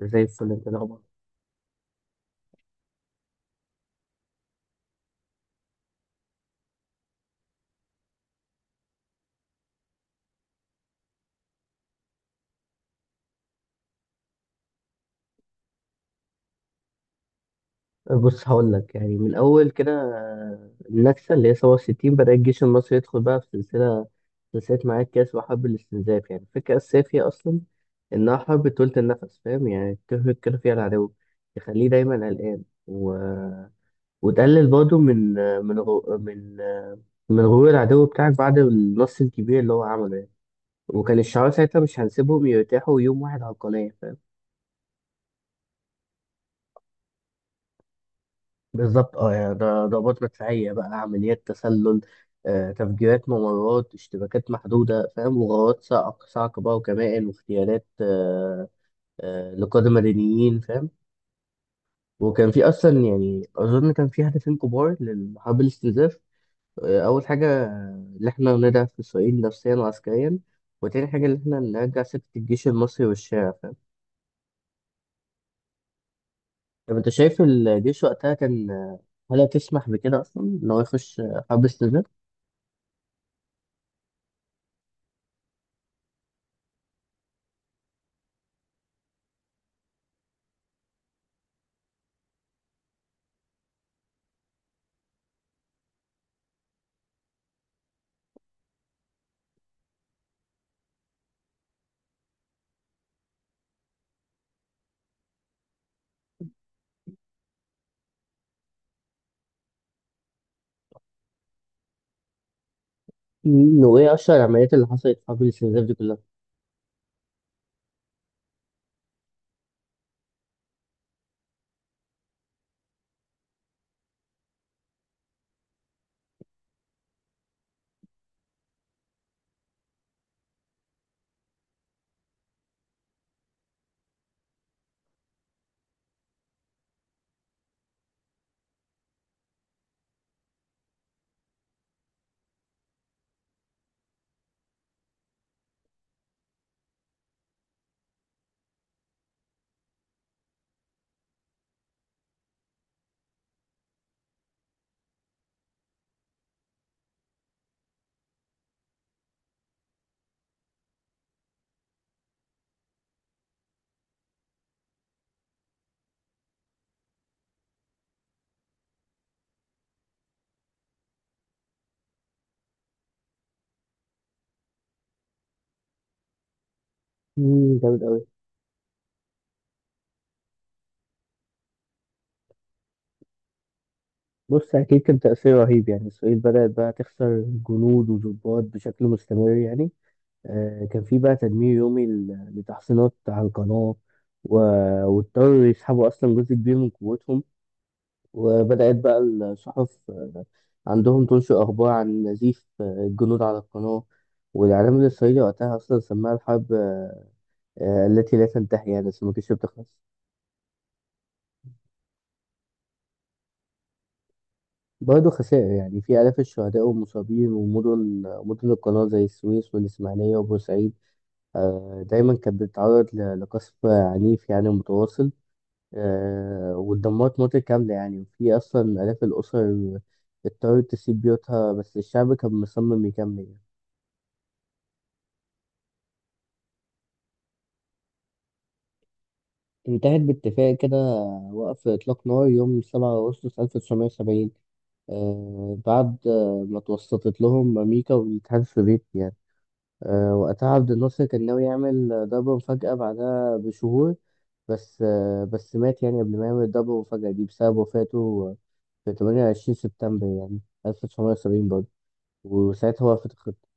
زي الفل، انت الاخبار؟ بص، هقول لك يعني من اول كده، النكسه اللي هي 67 بدا الجيش المصري يدخل بقى في سلسله معاك كاس وحرب الاستنزاف. يعني الفكره الاساسيه فيها اصلا انها حرب طولة النفس، فاهم؟ يعني تهلك كده فيها العدو، تخليه دايما قلقان وتقلل برضه من غرور العدو بتاعك بعد النص الكبير اللي هو عمله يعني. وكان الشعار ساعتها: مش هنسيبهم يرتاحوا يوم واحد على القناه. بالظبط، اه، يعني ده ضربات مدفعية بقى، عمليات تسلل، تفجيرات ممرات، اشتباكات محدودة، فاهم، وغارات صاع صاع كبار، وكمائن، واغتيالات لقادة مدنيين، فاهم. وكان في أصلا، يعني أظن كان في هدفين كبار لحرب الاستنزاف. أول حاجة، إن إحنا نضعف إسرائيل نفسيا وعسكريا، وتاني حاجة إن إحنا نرجع سكة الجيش المصري والشارع، فاهم. طب أنت شايف الجيش وقتها كان، هل تسمح بكده أصلا إن هو يخش حرب استنزاف؟ مم، وايه اشهر العمليات اللي حصلت حرب الاستنزاف دي كلها؟ مم، جامد قوي. بص، اكيد كان تاثير رهيب، يعني اسرائيل بدات بقى تخسر جنود وضباط بشكل مستمر يعني. آه، كان في بقى تدمير يومي لتحصينات على القناه، و- واضطروا يسحبوا اصلا جزء كبير من قوتهم. وبدات بقى الصحف عندهم تنشر اخبار عن نزيف الجنود على القناه، والاعلام الاسرائيلي وقتها اصلا سماها الحرب التي لا تنتهي، يعني بس ما كانتش بتخلص. برضه خسائر، يعني في آلاف الشهداء والمصابين، ومدن القناة زي السويس والإسماعيلية وبورسعيد، دايما كانت بتتعرض لقصف عنيف يعني متواصل. واتدمرت مناطق كاملة يعني، وفي أصلا آلاف الأسر اضطرت تسيب بيوتها، بس الشعب كان مصمم يكمل يعني. انتهت باتفاق كده، وقف إطلاق نار يوم 7 أغسطس 1970، بعد ما توسطت لهم أمريكا والاتحاد السوفيتي يعني. وقتها عبد الناصر كان ناوي يعمل ضربة مفاجأة بعدها بشهور، بس مات يعني قبل ما يعمل الضربة المفاجأة دي، بسبب وفاته في 28 سبتمبر يعني، 1970 برضه، وساعتها وقفت الخطة.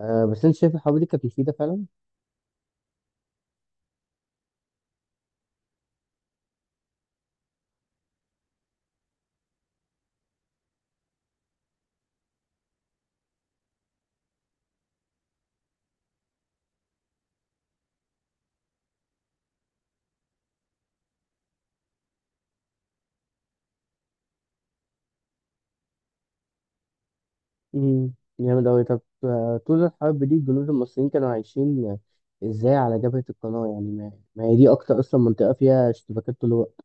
بس أنت شايف الحرب دي كانت مفيدة فعلا؟ مم، جامد أوي. طب طول الحرب دي الجنود المصريين كانوا عايشين إزاي على جبهة القناة؟ يعني ما هي دي أكتر أصلا منطقة فيها اشتباكات طول الوقت.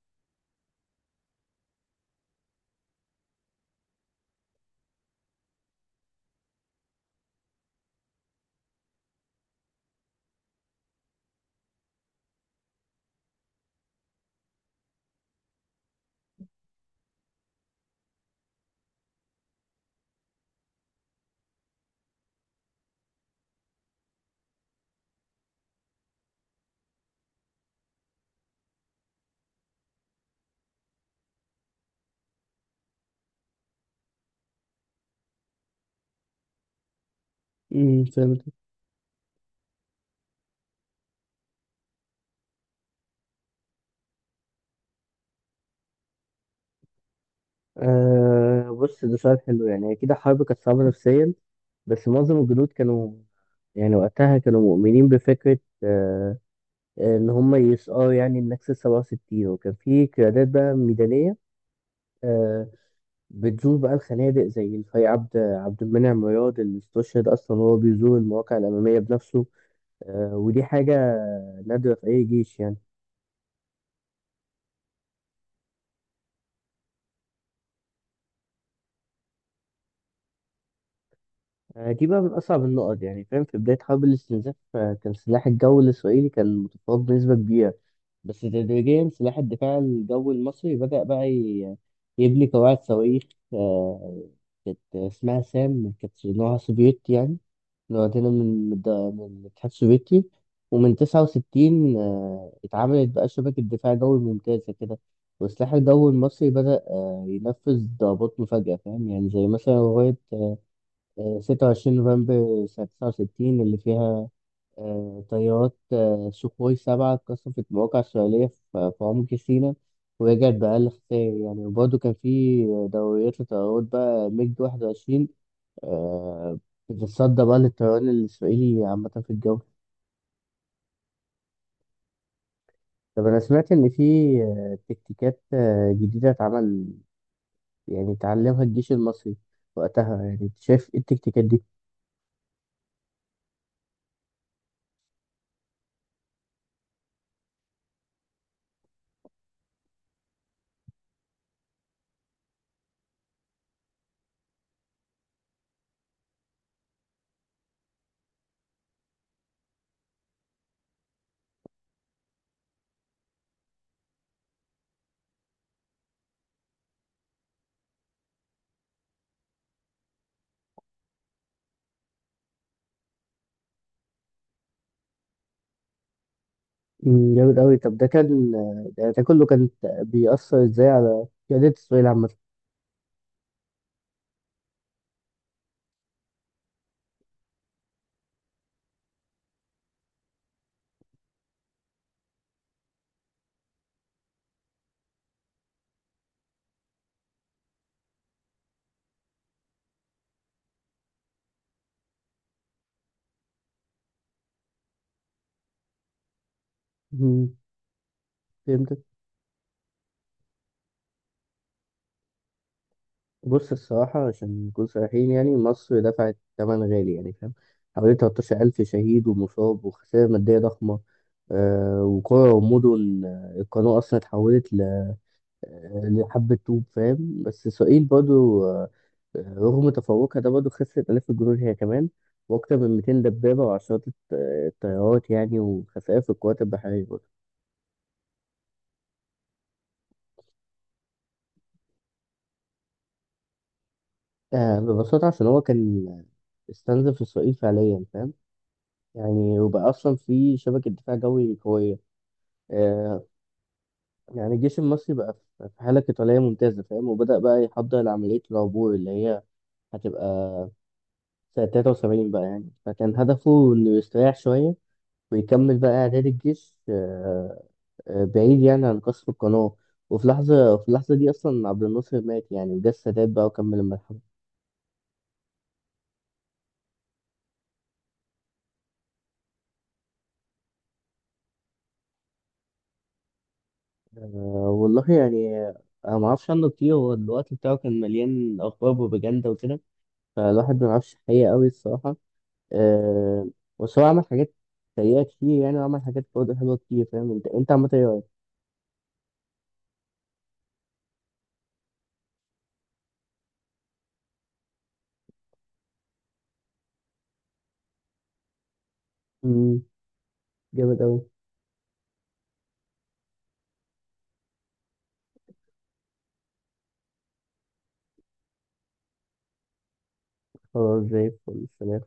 امم، فهمت. أه، بص، ده سؤال حلو. يعني أكيد الحرب كانت صعبة نفسيا، بس معظم الجنود كانوا، يعني وقتها كانوا مؤمنين بفكرة أه، إن هم يسقوا يعني النكسة 67. وكان في قيادات بقى ميدانية، أه، بتزور بقى الخنادق، زي الفاي عبد المنعم مراد، اللي استشهد أصلا وهو بيزور المواقع الأمامية بنفسه. أه، ودي حاجة نادرة في أي جيش يعني. أه، دي بقى من أصعب النقط يعني، فاهم. في بداية حرب الاستنزاف، كان سلاح الجو الإسرائيلي كان متفوق بنسبة كبيرة، بس تدريجيا سلاح الدفاع الجوي المصري بدأ بقى يبني قواعد صواريخ، آه، كانت اسمها سام، كانت نوعها سوفيتي يعني، لوحدنا من الاتحاد السوفيتي. ومن تسعة وستين، اتعملت بقى شبكة دفاع جوي ممتازة كده، والسلاح الجوي المصري بدأ ينفذ ضربات مفاجئة، فاهم يعني، زي مثلا لغاية ستة وعشرين نوفمبر سنة تسعة وستين، اللي فيها طيارات سوخوي سبعة اتقصفت مواقع إسرائيلية في في عمق سيناء، ورجعت بأقل خسائر يعني. وبرضه كان في دوريات لطيارات بقى ميج واحد وعشرين، آه، بتتصدى بقى للطيران الإسرائيلي عامة في الجو. طب أنا سمعت إن في تكتيكات جديدة اتعمل، يعني اتعلمها الجيش المصري وقتها، يعني أنت شايف إيه التكتيكات دي؟ مم، جامد أوي. طب ده كان، ده كله كان بيأثر إزاي على قيادات إسرائيل عامة؟ مم، فهمت. بص، الصراحة، عشان نكون صريحين، يعني مصر دفعت ثمن غالي يعني، فاهم، حوالي 13,000 شهيد ومصاب وخسائر مادية ضخمة. آه، وقرى ومدن القناة أصلا اتحولت لحبة طوب، فاهم. بس إسرائيل برضو، رغم تفوقها ده، برضه خسرت آلاف الجنود هي كمان، وأكتر من 200 دبابة وعشرات الطيارات يعني، وخسائر في القوات البحرية برضه. آه، ببساطة عشان هو كان استنزف إسرائيل فعليا، فاهم، يعني وبقى أصلا في شبكة دفاع جوي قوية، آه، يعني الجيش المصري بقى في في حالة قتالية ممتازة، فاهم، وبدأ بقى يحضر لعملية العبور اللي هي هتبقى سنة 73 بقى يعني. فكان هدفه إنه يستريح شوية ويكمل بقى إعداد الجيش، بعيد يعني عن قصف القناة. وفي لحظة، في اللحظة دي أصلا عبد الناصر مات يعني، وجه السادات بقى وكمل المرحلة. والله يعني، أنا معرفش عنه كتير. هو الوقت بتاعه كان مليان أخبار وبروباجندا وكده، فالواحد ما يعرفش الحقيقة أوي، الصراحة. أه، بس هو عمل حاجات سيئة كتير يعني، وعمل حاجات برضه حلوة كتير، فاهم. أنت عملت إيه رأيك؟ أمم، جامد أوي. خلاص، زي الفل، سلام.